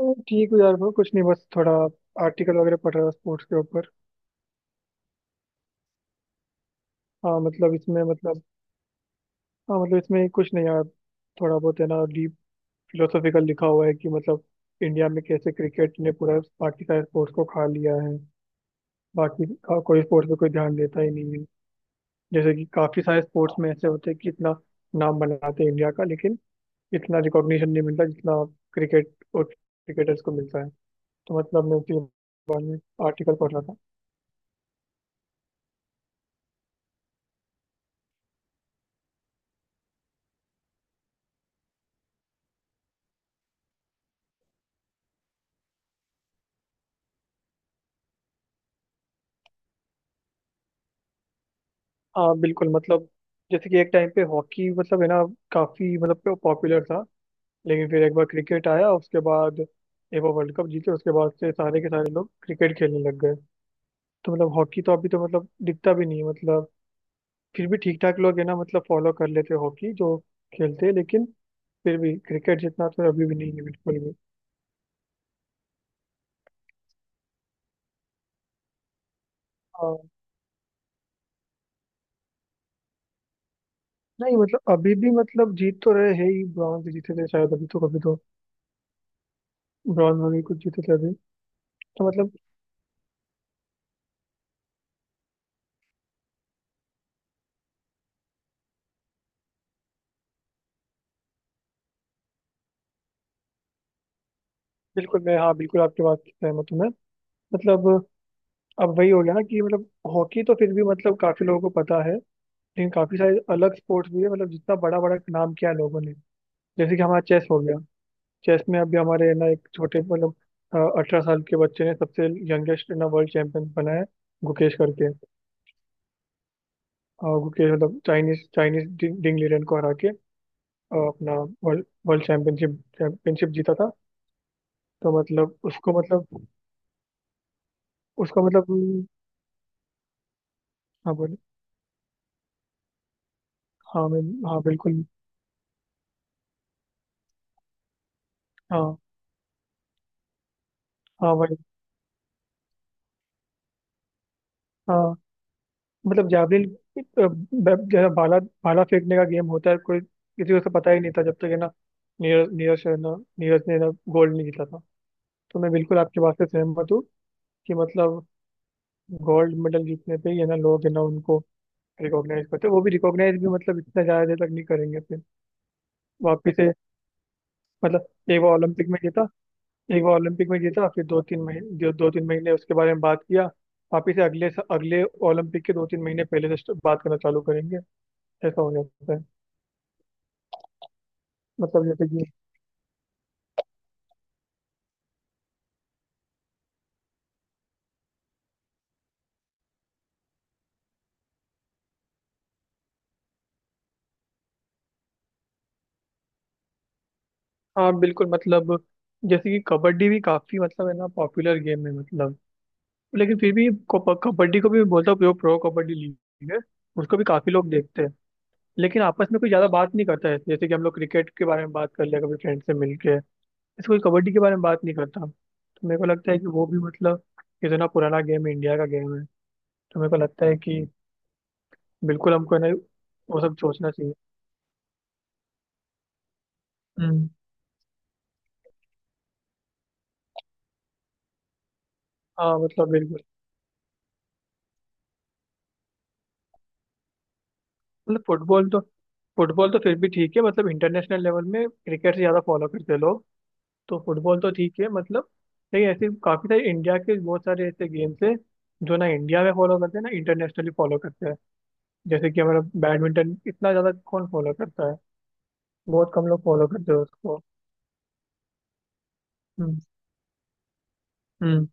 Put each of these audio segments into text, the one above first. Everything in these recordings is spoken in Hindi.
तो ठीक हूँ यार ब्रो कुछ नहीं, बस थोड़ा आर्टिकल वगैरह पढ़ रहा था स्पोर्ट्स के ऊपर। हाँ मतलब इसमें मतलब हाँ मतलब इसमें कुछ नहीं यार, थोड़ा बहुत है ना डीप फिलोसॉफिकल लिखा हुआ है कि मतलब इंडिया में कैसे क्रिकेट ने पूरा बाकी सारे स्पोर्ट्स को खा लिया है। बाकी का कोई स्पोर्ट्स पे कोई ध्यान देता ही नहीं है। जैसे कि काफी सारे स्पोर्ट्स में ऐसे होते हैं कि इतना नाम बनाते हैं इंडिया का, लेकिन इतना रिकॉग्निशन नहीं मिलता जितना क्रिकेट और क्रिकेटर्स को मिलता है। तो मतलब मैं उसी बारे में आर्टिकल पढ़ रहा था। हाँ, बिल्कुल मतलब जैसे कि एक टाइम पे हॉकी मतलब है ना काफी मतलब पॉपुलर था, लेकिन फिर एक बार क्रिकेट आया, उसके बाद एक बार वर्ल्ड कप जीते, उसके बाद से सारे के सारे लोग क्रिकेट खेलने लग गए। तो मतलब हॉकी तो अभी तो मतलब दिखता भी नहीं है मतलब, फिर भी ठीक ठाक लोग है ना मतलब फॉलो कर लेते हैं हॉकी जो खेलते हैं, लेकिन फिर भी क्रिकेट जितना तो अभी भी नहीं है बिल्कुल भी। हाँ, नहीं मतलब अभी भी मतलब जीत तो रहे हैं ही, ब्रॉन्ज जीते थे शायद अभी, तो कभी तो ब्रॉन्ज में भी कुछ जीते थे अभी। तो मतलब बिल्कुल, मैं हाँ बिल्कुल आपकी बात से सहमत हूँ मैं मतलब। अब वही हो गया ना कि मतलब हॉकी तो फिर भी मतलब काफी लोगों को पता है, लेकिन काफी सारे अलग स्पोर्ट्स भी है मतलब जितना बड़ा बड़ा नाम किया है लोगों ने। जैसे कि हमारा चेस हो गया, चेस में अभी हमारे है ना एक छोटे मतलब 18 साल के बच्चे ने सबसे यंगेस्ट ना वर्ल्ड चैंपियन बना है, गुकेश करके। और गुकेश मतलब चाइनीज चाइनीज डिंग लीरन को हरा के अपना वर्ल्ड वर्ल्ड चैंपियनशिप चैंपियनशिप जीता था। तो मतलब उसको मतलब उसको मतलब हाँ बोले। हाँ, मैं हाँ बिल्कुल हाँ, हाँ भाई मतलब जावलिन जैसा भाला, भाला फेंकने का गेम होता है, कोई किसी को उसका पता ही नहीं था जब तक है ना नीरज नीरज शर्मा नीरज ने ना गोल्ड नहीं जीता था। तो मैं बिल्कुल आपके बात से सहमत हूँ कि मतलब गोल्ड मेडल जीतने पे ही है ना लोग है ना उनको रिकॉग्नाइज करते हैं। वो भी रिकॉग्नाइज भी मतलब इतना ज़्यादा देर तक नहीं करेंगे, फिर वापिस से मतलब एक बार ओलंपिक में जीता, एक बार ओलंपिक में जीता, फिर 2-3 महीने दो तीन महीने उसके बारे में बात किया, वापिस से अगले अगले ओलंपिक के 2-3 महीने पहले से बात करना चालू करेंगे, ऐसा हो जाता है। मतलब जैसे कि हाँ बिल्कुल मतलब जैसे कि कबड्डी भी काफी मतलब है ना पॉपुलर गेम है मतलब, लेकिन फिर भी कबड्डी को भी मैं बोलता हूँ प्रो प्रो कबड्डी लीग है, उसको भी काफी लोग देखते हैं। लेकिन आपस में कोई ज्यादा बात नहीं करता है, जैसे कि हम लोग क्रिकेट के बारे में बात कर लिया कभी फ्रेंड से मिलके, ऐसे कोई कबड्डी के बारे में बात नहीं करता। तो मेरे को लगता है कि वो भी मतलब इतना पुराना गेम है, इंडिया का गेम है, तो मेरे को लगता है कि बिल्कुल हमको है ना वो सब सोचना चाहिए। हम्म। हाँ मतलब बिल्कुल मतलब फुटबॉल तो फिर भी ठीक है मतलब इंटरनेशनल लेवल में क्रिकेट से ज़्यादा फॉलो करते हैं लोग, तो फुटबॉल तो ठीक है मतलब। लेकिन ऐसे काफ़ी सारे इंडिया के बहुत सारे ऐसे गेम्स हैं जो ना इंडिया में फॉलो करते हैं ना इंटरनेशनली फॉलो करते हैं। जैसे कि हमारा बैडमिंटन इतना ज़्यादा कौन फॉलो करता है, बहुत कम लोग फॉलो करते हैं उसको। हम्म, हम्म,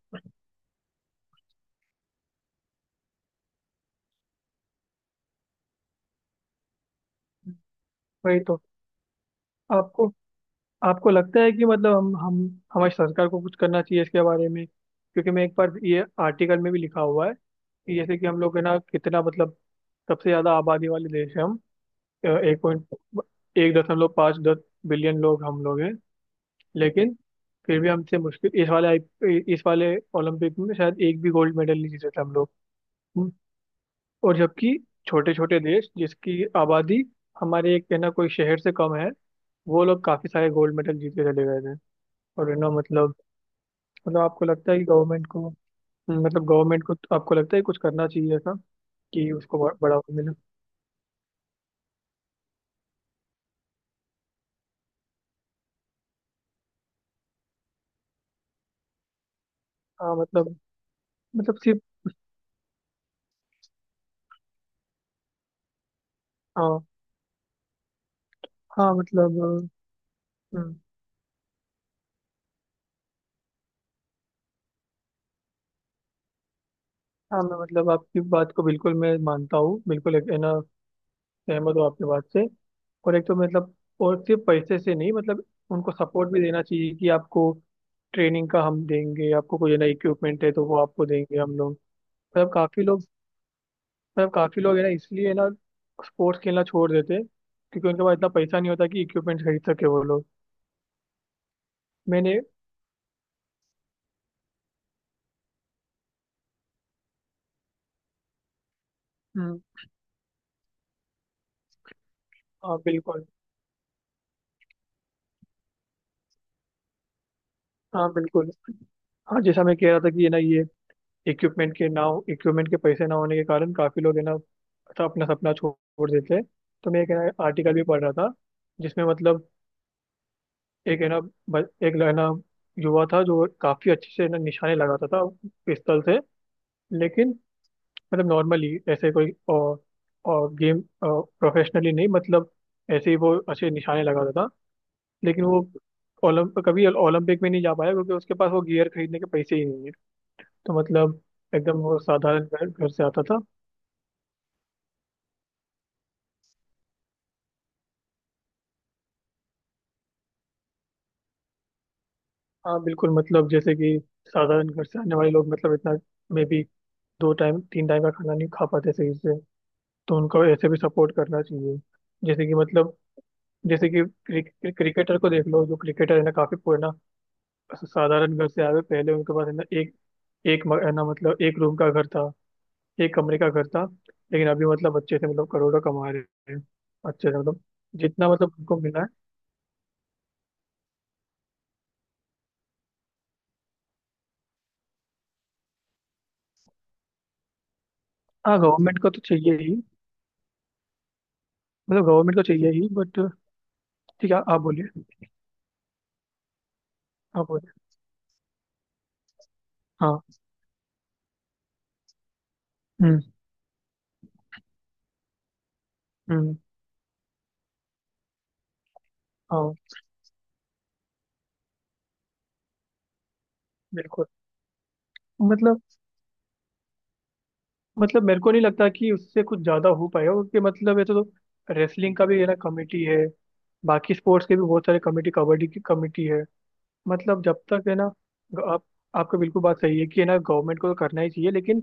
वही तो। आपको आपको लगता है कि मतलब हम हमारी सरकार को कुछ करना चाहिए इसके बारे में, क्योंकि मैं एक बार, ये आर्टिकल में भी लिखा हुआ है कि जैसे कि हम लोग है ना कितना मतलब सबसे ज्यादा आबादी वाले देश हैं हम, एक पॉइंट 1.5-10 बिलियन लोग हम लोग हैं, लेकिन फिर भी हमसे मुश्किल इस वाले इस वाले ओलंपिक में शायद एक भी गोल्ड मेडल नहीं जीते थे हम लोग। हम्म। और जबकि छोटे छोटे देश जिसकी आबादी हमारे एक है ना कोई शहर से कम है, वो लोग काफी सारे गोल्ड मेडल जीत के चले गए थे। और है ना मतलब मतलब आपको लगता है कि गवर्नमेंट को मतलब गवर्नमेंट को आपको लगता है कुछ करना चाहिए ऐसा कि उसको बढ़ावा मिले। हाँ मतलब मतलब सिर्फ हाँ हाँ मतलब हम्म, हाँ मैं मतलब आपकी बात को बिल्कुल मैं मानता हूँ, बिल्कुल एक है ना सहमत हूँ आपकी बात से। और एक तो मतलब और सिर्फ पैसे से नहीं मतलब, उनको सपोर्ट भी देना चाहिए कि आपको ट्रेनिंग का हम देंगे, आपको कोई है ना इक्विपमेंट है तो वो आपको देंगे हम लोग। मतलब काफ़ी लोग मतलब काफ़ी लोग है ना इसलिए है ना स्पोर्ट्स खेलना छोड़ देते हैं, क्योंकि उनके पास इतना पैसा नहीं होता कि इक्विपमेंट खरीद सके वो लोग। मैंने हम्म, हाँ बिल्कुल, हाँ बिल्कुल, हाँ जैसा मैं कह रहा था कि है ना ये इक्विपमेंट के ना, इक्विपमेंट के पैसे ना होने के कारण काफी लोग है ना सब अपना सपना छोड़ देते हैं। तो मैं एक है ना आर्टिकल भी पढ़ रहा था जिसमें मतलब एक है ना एक है ना युवा था जो काफी अच्छे से ना निशाने लगाता था पिस्तल से, लेकिन मतलब नॉर्मली ऐसे कोई और गेम प्रोफेशनली नहीं मतलब, ऐसे ही वो अच्छे निशाने लगाता था, लेकिन वो ओलंप कभी ओलंपिक में नहीं जा पाया क्योंकि उसके पास वो गियर खरीदने के पैसे ही नहीं है। तो मतलब एकदम वो साधारण घर, घर से आता था। हाँ बिल्कुल मतलब जैसे कि साधारण घर से आने वाले लोग मतलब इतना मे बी दो टाइम तीन टाइम का खाना नहीं खा पाते सही से, तो उनको ऐसे भी सपोर्ट करना चाहिए। जैसे कि मतलब जैसे कि क्रिक, क्रिक- क्रिकेटर को देख लो, जो क्रिकेटर है ना काफी पुराना साधारण घर से आए हुए, पहले उनके पास है ना एक एक है ना मतलब एक रूम का घर था, एक कमरे का घर था, लेकिन अभी मतलब अच्छे से मतलब करोड़ों कमा रहे हैं, अच्छे से मतलब जितना मतलब उनको मिला है। हाँ, गवर्नमेंट को तो चाहिए ही मतलब गवर्नमेंट को चाहिए ही, बट ठीक है आप बोलिए। आप बोलिए। हाँ। हम्म। हम्म, हाँ बिल्कुल मतलब मतलब मेरे को नहीं लगता कि उससे कुछ ज्यादा हो पाएगा, क्योंकि मतलब ये तो रेसलिंग का भी है ना कमेटी है, बाकी स्पोर्ट्स के भी बहुत सारे कमेटी, कबड्डी की कमेटी है। मतलब जब तक है ना आप आपका बिल्कुल बात सही है कि है ना गवर्नमेंट को तो करना ही चाहिए, लेकिन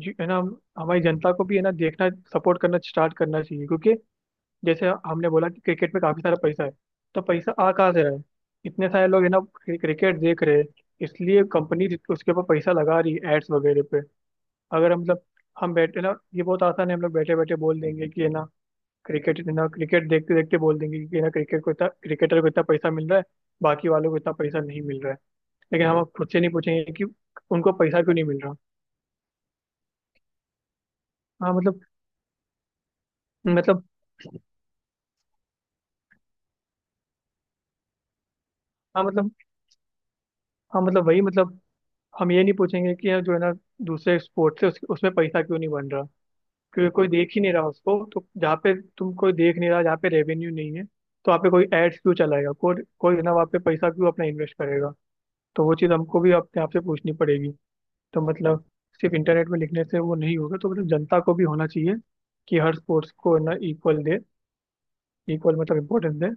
है ना हमारी जनता को भी है ना देखना, सपोर्ट करना स्टार्ट करना चाहिए, क्योंकि जैसे हमने बोला कि क्रिकेट में काफी सारा पैसा है, तो पैसा आ कहाँ से रहा है, इतने सारे लोग है ना क्रिकेट देख रहे हैं, इसलिए कंपनी उसके ऊपर पैसा लगा रही है एड्स वगैरह पे। अगर हम मतलब हम बैठे ना, ये बहुत आसान है हम लोग बैठे बैठे बोल देंगे कि है ना क्रिकेट है ना, क्रिकेट देखते देखते बोल देंगे कि है ना क्रिकेट को इतना, क्रिकेटर को इतना पैसा मिल रहा है, बाकी वालों को इतना पैसा नहीं मिल रहा है, लेकिन हम खुद से नहीं पूछेंगे कि उनको पैसा क्यों नहीं मिल रहा। हाँ मतलब मतलब हाँ मतलब हाँ मतलब वही मतलब हम ये नहीं पूछेंगे कि यार, जो है ना दूसरे स्पोर्ट से उसमें पैसा क्यों नहीं बन रहा, क्योंकि कोई देख ही नहीं रहा उसको, तो जहाँ पे तुम कोई देख नहीं रहा, जहाँ पे रेवेन्यू नहीं है, तो वहाँ पे कोई एड्स क्यों चलाएगा, कोई कोई है ना वहाँ पे पैसा क्यों अपना इन्वेस्ट करेगा। तो वो चीज़ हमको भी अपने आप से पूछनी पड़ेगी। तो मतलब सिर्फ इंटरनेट में लिखने से वो नहीं होगा, तो मतलब जनता को भी होना चाहिए कि हर स्पोर्ट्स को है ना इक्वल दे, इक्वल मतलब इम्पोर्टेंस दे।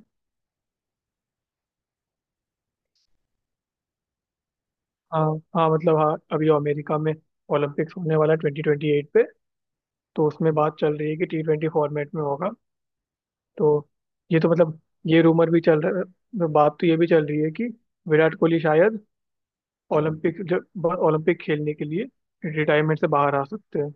हाँ, हाँ मतलब, हाँ अभी अमेरिका में ओलंपिक्स होने वाला है 2028 पे, तो उसमें बात चल रही है कि T20 फॉर्मेट में होगा। तो ये तो मतलब ये रूमर भी चल रहा है, बात तो ये भी चल रही है कि विराट कोहली शायद ओलंपिक जब ओलंपिक खेलने के लिए रिटायरमेंट से बाहर आ सकते हैं।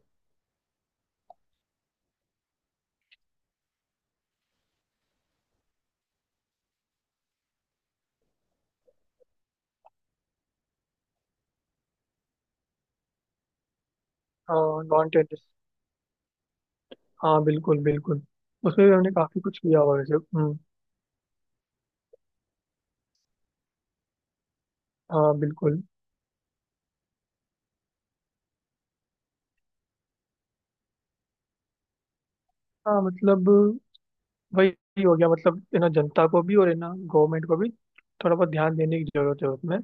हाँ, नॉन टेनिस, हाँ बिल्कुल बिल्कुल, उसमें भी हमने काफी कुछ किया हुआ वैसे। हम्म। हाँ बिल्कुल। हाँ मतलब वही हो गया मतलब है ना जनता को भी और है ना गवर्नमेंट को भी थोड़ा बहुत ध्यान देने की जरूरत है उसमें,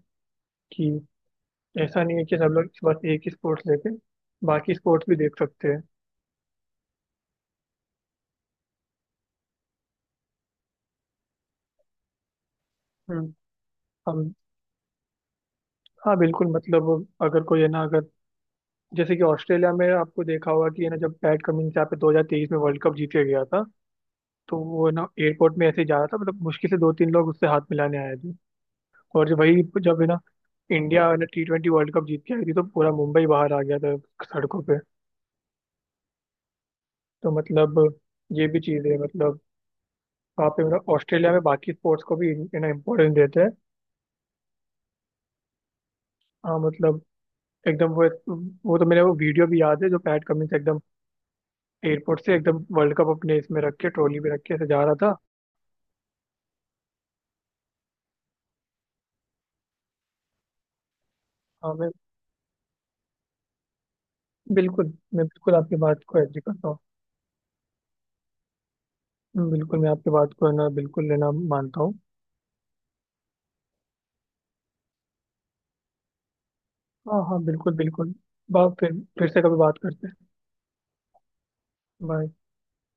कि ऐसा नहीं है कि सब लोग बस एक ही स्पोर्ट्स लेके बाकी स्पोर्ट्स भी देख सकते हैं। हम्म। हम। हाँ बिल्कुल मतलब अगर कोई है ना, अगर जैसे कि ऑस्ट्रेलिया में आपको देखा होगा कि है ना जब पैट कमिंस यहाँ पे 2023 में वर्ल्ड कप जीत के गया था, तो वो है ना एयरपोर्ट में ऐसे ही जा रहा था, मतलब मुश्किल से 2-3 लोग उससे हाथ मिलाने आए थे। और जब वही जब है ना इंडिया है ना T20 वर्ल्ड कप जीत के आई थी, तो पूरा मुंबई बाहर आ गया था सड़कों पे। तो मतलब ये भी चीज़ है मतलब वहाँ पे मतलब ऑस्ट्रेलिया में बाकी स्पोर्ट्स को भी है ना इम्पोर्टेंस देते हैं। हाँ मतलब एकदम वो तो, मेरे वो वीडियो भी याद है जो पैट कमिंस एकदम एयरपोर्ट से एकदम वर्ल्ड कप अपने इसमें रख के, ट्रॉली में रख के ऐसे जा रहा था। हाँ मैं बिल्कुल, मैं बिल्कुल आपकी बात को एग्री करता हूँ। बिल्कुल मैं आपकी बात को है ना बिल्कुल लेना मानता हूँ। हाँ हाँ बिल्कुल बिल्कुल, बा फिर से कभी बात करते हैं। बाय।